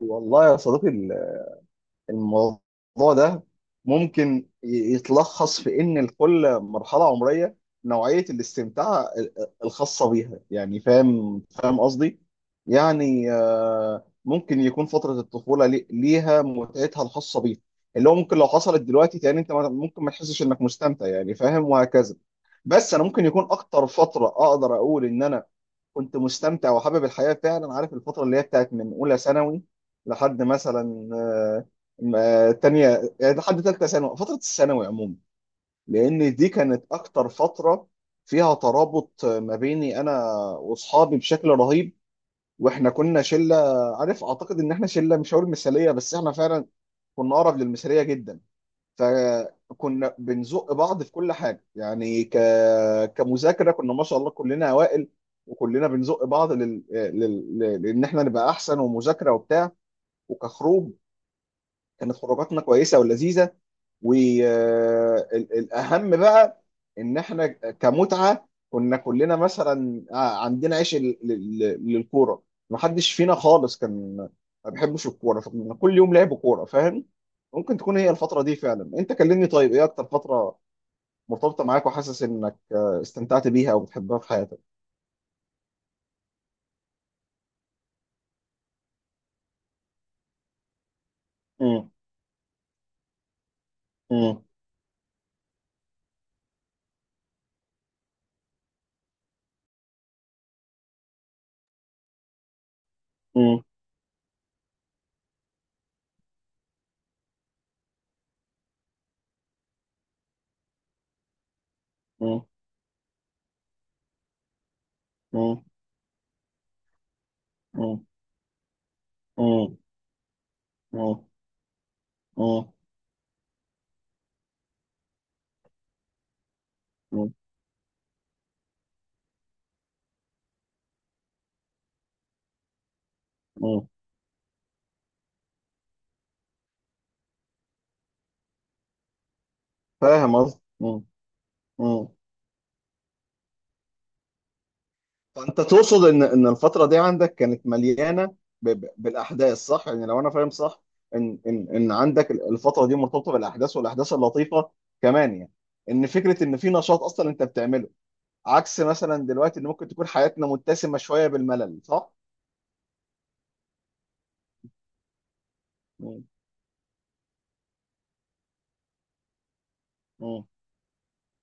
والله يا صديقي، الموضوع ده ممكن يتلخص في ان لكل مرحله عمريه نوعيه الاستمتاع الخاصه بيها. يعني فاهم قصدي. يعني ممكن يكون فتره الطفوله ليها متعتها الخاصه بيها. اللي هو ممكن لو حصلت دلوقتي تاني انت ممكن ما تحسش انك مستمتع، يعني فاهم، وهكذا. بس انا ممكن يكون اكتر فتره اقدر اقول ان انا كنت مستمتع وحابب الحياة فعلا، عارف، الفترة اللي هي بتاعت من أولى ثانوي لحد مثلا تانية، يعني لحد تالتة ثانوي، فترة الثانوي عموما. لأن دي كانت أكتر فترة فيها ترابط ما بيني أنا وأصحابي بشكل رهيب، وإحنا كنا شلة. عارف، أعتقد إن إحنا شلة مش هقول مثالية بس إحنا فعلا كنا أقرب للمثالية جدا. فكنا بنزق بعض في كل حاجه، يعني كمذاكره كنا ما شاء الله كلنا اوائل، وكلنا بنزق بعض لان احنا نبقى احسن ومذاكره وبتاع. وكخروج كانت خروجاتنا كويسه ولذيذه. والاهم بقى ان احنا كمتعه كنا كلنا مثلا عندنا عيش للكوره، ما حدش فينا خالص كان ما بيحبش الكوره، فكنا كل يوم لعب كوره، فاهم. ممكن تكون هي الفتره دي فعلا. انت كلمني، طيب، ايه اكتر فتره مرتبطه معاك وحاسس انك استمتعت بيها او بتحبها في حياتك؟ مم. مم. مم. مم. مم. مم. مم. مم. مم. فاهم قصدي. مم. فانت تقصد ان الفتره دي عندك كانت مليانه بالاحداث، صح؟ يعني لو انا فاهم صح، ان عندك الفتره دي مرتبطه بالاحداث، والاحداث اللطيفه كمان، يعني ان فكره ان في نشاط اصلا انت بتعمله، عكس مثلا دلوقتي ان ممكن تكون حياتنا متسمه شويه بالملل، صح؟ مم. مم.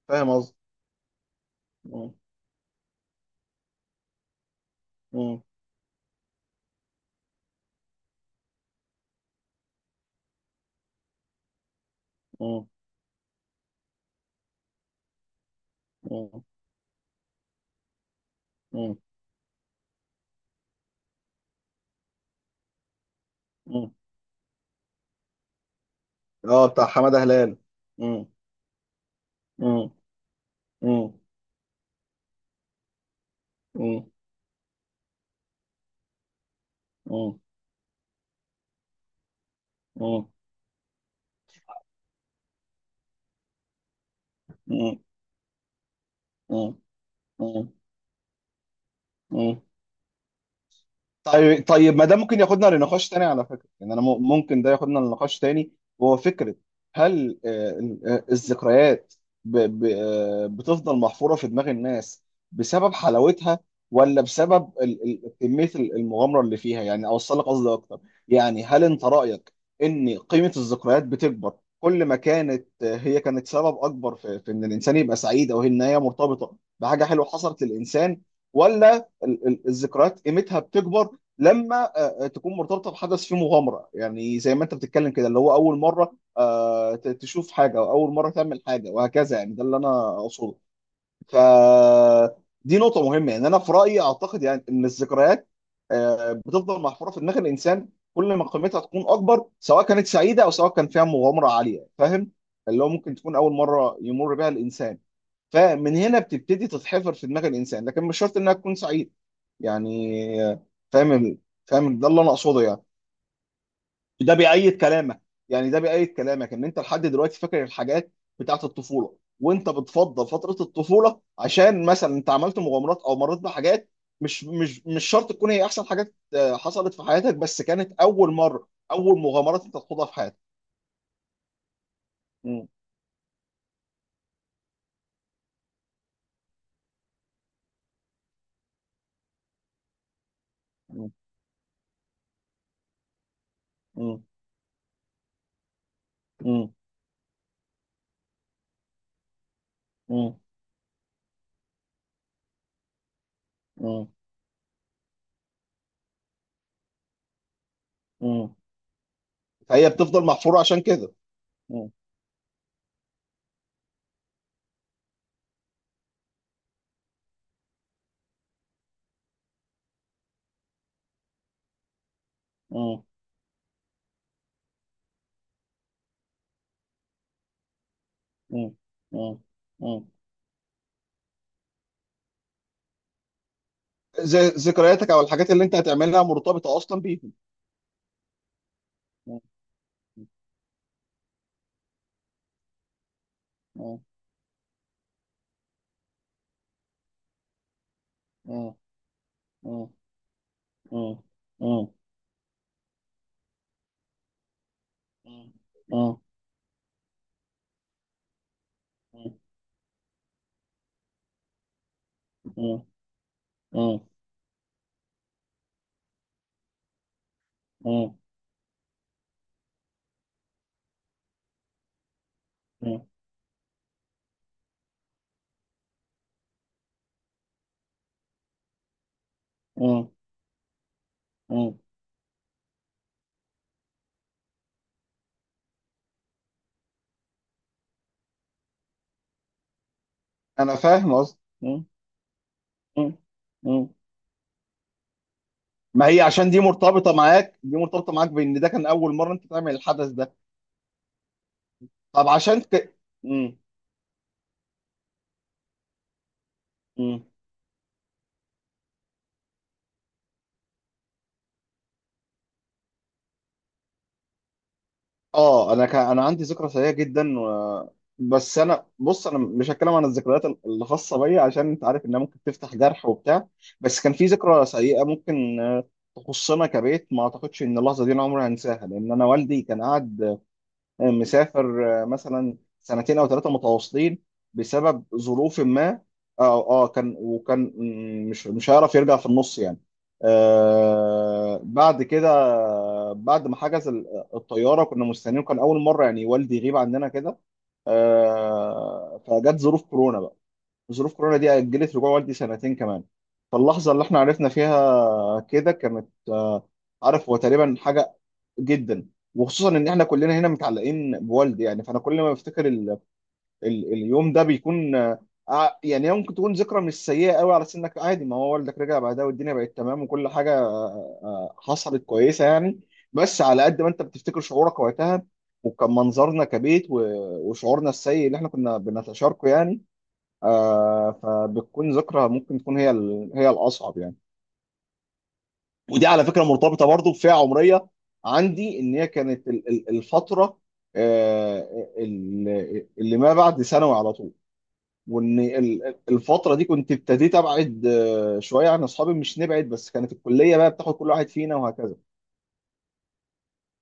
فاهم قصدي. مم. مم. مم. مم. مم. مم. اه، بتاع حماده هلال. مم. مم. مم. مم. مم. مم. مم. مم. مم. طيب، طيب، ما ده ممكن ياخدنا لنقاش تاني على فكرة. يعني انا ممكن ده ياخدنا لنقاش تاني، وهو فكرة. هل الذكريات بتفضل محفورة في دماغ الناس بسبب حلاوتها، ولا بسبب كمية المغامرة اللي فيها؟ يعني اوصل لك قصدي اكتر. يعني هل انت رأيك ان قيمة الذكريات بتكبر كل ما كانت هي كانت سبب اكبر في ان الانسان يبقى سعيد، او ان هي مرتبطة بحاجة حلوة حصلت للانسان؟ ولا الذكريات قيمتها بتكبر لما تكون مرتبطه بحدث فيه مغامره، يعني زي ما انت بتتكلم كده، اللي هو اول مره تشوف حاجه او اول مره تعمل حاجه وهكذا، يعني ده اللي انا اقصده. ف دي نقطه مهمه، يعني انا في رايي اعتقد، يعني ان الذكريات بتفضل محفوره في دماغ الانسان كل ما قيمتها تكون اكبر، سواء كانت سعيده او سواء كان فيها مغامره عاليه، فاهم. اللي هو ممكن تكون اول مره يمر بها الانسان، فمن هنا بتبتدي تتحفر في دماغ الانسان، لكن مش شرط انها تكون سعيده، يعني. فاهم ال- فاهم، ده اللي انا اقصده، يعني. ده بيأيد كلامك ده بيأيد كلامك ان انت لحد دلوقتي فاكر الحاجات بتاعت الطفوله، وانت بتفضل فتره الطفوله عشان مثلا انت عملت مغامرات او مريت بحاجات. مش شرط تكون هي احسن حاجات حصلت في حياتك، بس كانت اول مره، اول مغامرات انت تخوضها في حياتك. مم. مم. مم. مم. مم. مم. مم. فهي بتفضل محفوره عشان كده. مم. مم. مم. مم. ز- ذكرياتك او الحاجات اللي انت هتعملها مرتبطه اصلا بيهم. م- م- م- م- م- م- م- م- م- م- م- م- م. انا فاهم قصدي. م- م. ما هي عشان دي مرتبطه معاك بان ده كان اول مره انت تعمل الحدث ده. طب عشان م- م. اه، انا عندي ذكرى سيئه جدا. بس انا، بص، انا مش هتكلم عن الذكريات الخاصه بيا عشان انت عارف انها ممكن تفتح جرح وبتاع. بس كان في ذكرى سيئه ممكن تخصنا كبيت، ما اعتقدش ان اللحظه دي انا عمري هنساها. لان انا والدي كان قاعد مسافر مثلا سنتين او 3 متواصلين بسبب ظروف ما. اه، اه، وكان مش هيعرف يرجع في النص، يعني. بعد كده، بعد ما حجز الطياره كنا مستنيين، كان اول مره يعني والدي يغيب عندنا كده. فجت ظروف كورونا بقى. ظروف كورونا دي اجلت رجوع والدي سنتين كمان. فاللحظه اللي احنا عرفنا فيها كده كانت عارف، هو تقريبا حاجه جدا. وخصوصا ان احنا كلنا هنا متعلقين بوالدي، يعني. فانا كل ما بفتكر اليوم ده بيكون يعني هي ممكن تكون ذكرى مش سيئه قوي على سنك عادي، ما هو والدك رجع بعدها والدنيا بقت تمام وكل حاجه حصلت كويسه، يعني. بس على قد ما انت بتفتكر شعورك وقتها، وكان منظرنا كبيت وشعورنا السيء اللي احنا كنا بنتشاركه، يعني. فبتكون ذكرى، ممكن تكون هي هي الاصعب، يعني. ودي على فكره مرتبطه برضو بفئه عمريه عندي، ان هي كانت الفتره آه، اللي ما بعد ثانوي على طول. وان الفتره دي كنت ابتديت ابعد شويه عن اصحابي، مش نبعد، بس كانت الكليه بقى بتاخد كل واحد فينا وهكذا.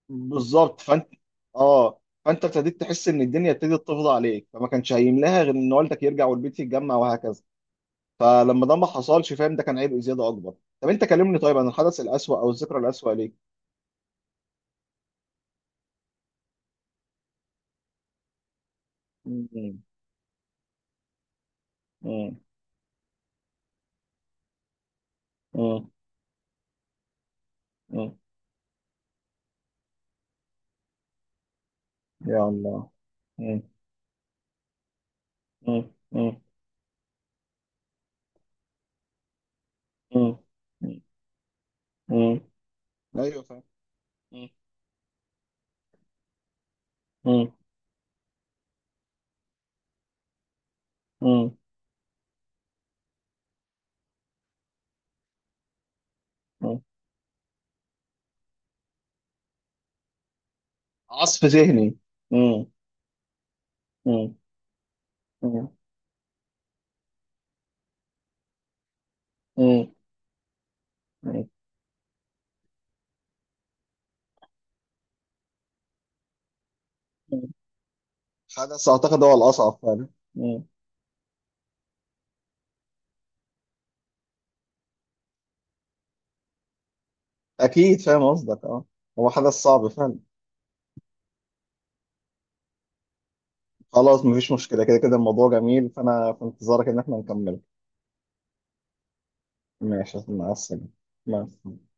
بالظبط. فانت ابتديت تحس ان الدنيا ابتدت تفضى عليك، فما كانش هيملاها غير ان والدك يرجع والبيت يتجمع وهكذا. فلما ده ما حصلش، فاهم، ده كان عيب زياده اكبر. طب، انت كلمني، طيب، عن الحدث الاسوأ او الذكرى الاسوأ ليك. مم. مم. مم. مم. يا الله. مم. مم. مم. مم. مم. ايوه، فاهم. مم. مم. مم. مم. عصف ذهني. مم. مم. مم. مم. مم. حدث اعتقد هو الاصعب فعلا. مم. اكيد فاهم قصدك، اه، هو حدث صعب فعلا. خلاص، مفيش مشكله. كده كده الموضوع جميل، فانا في انتظارك ان احنا نكمل. ماشي، مع السلامه، مع السلامه.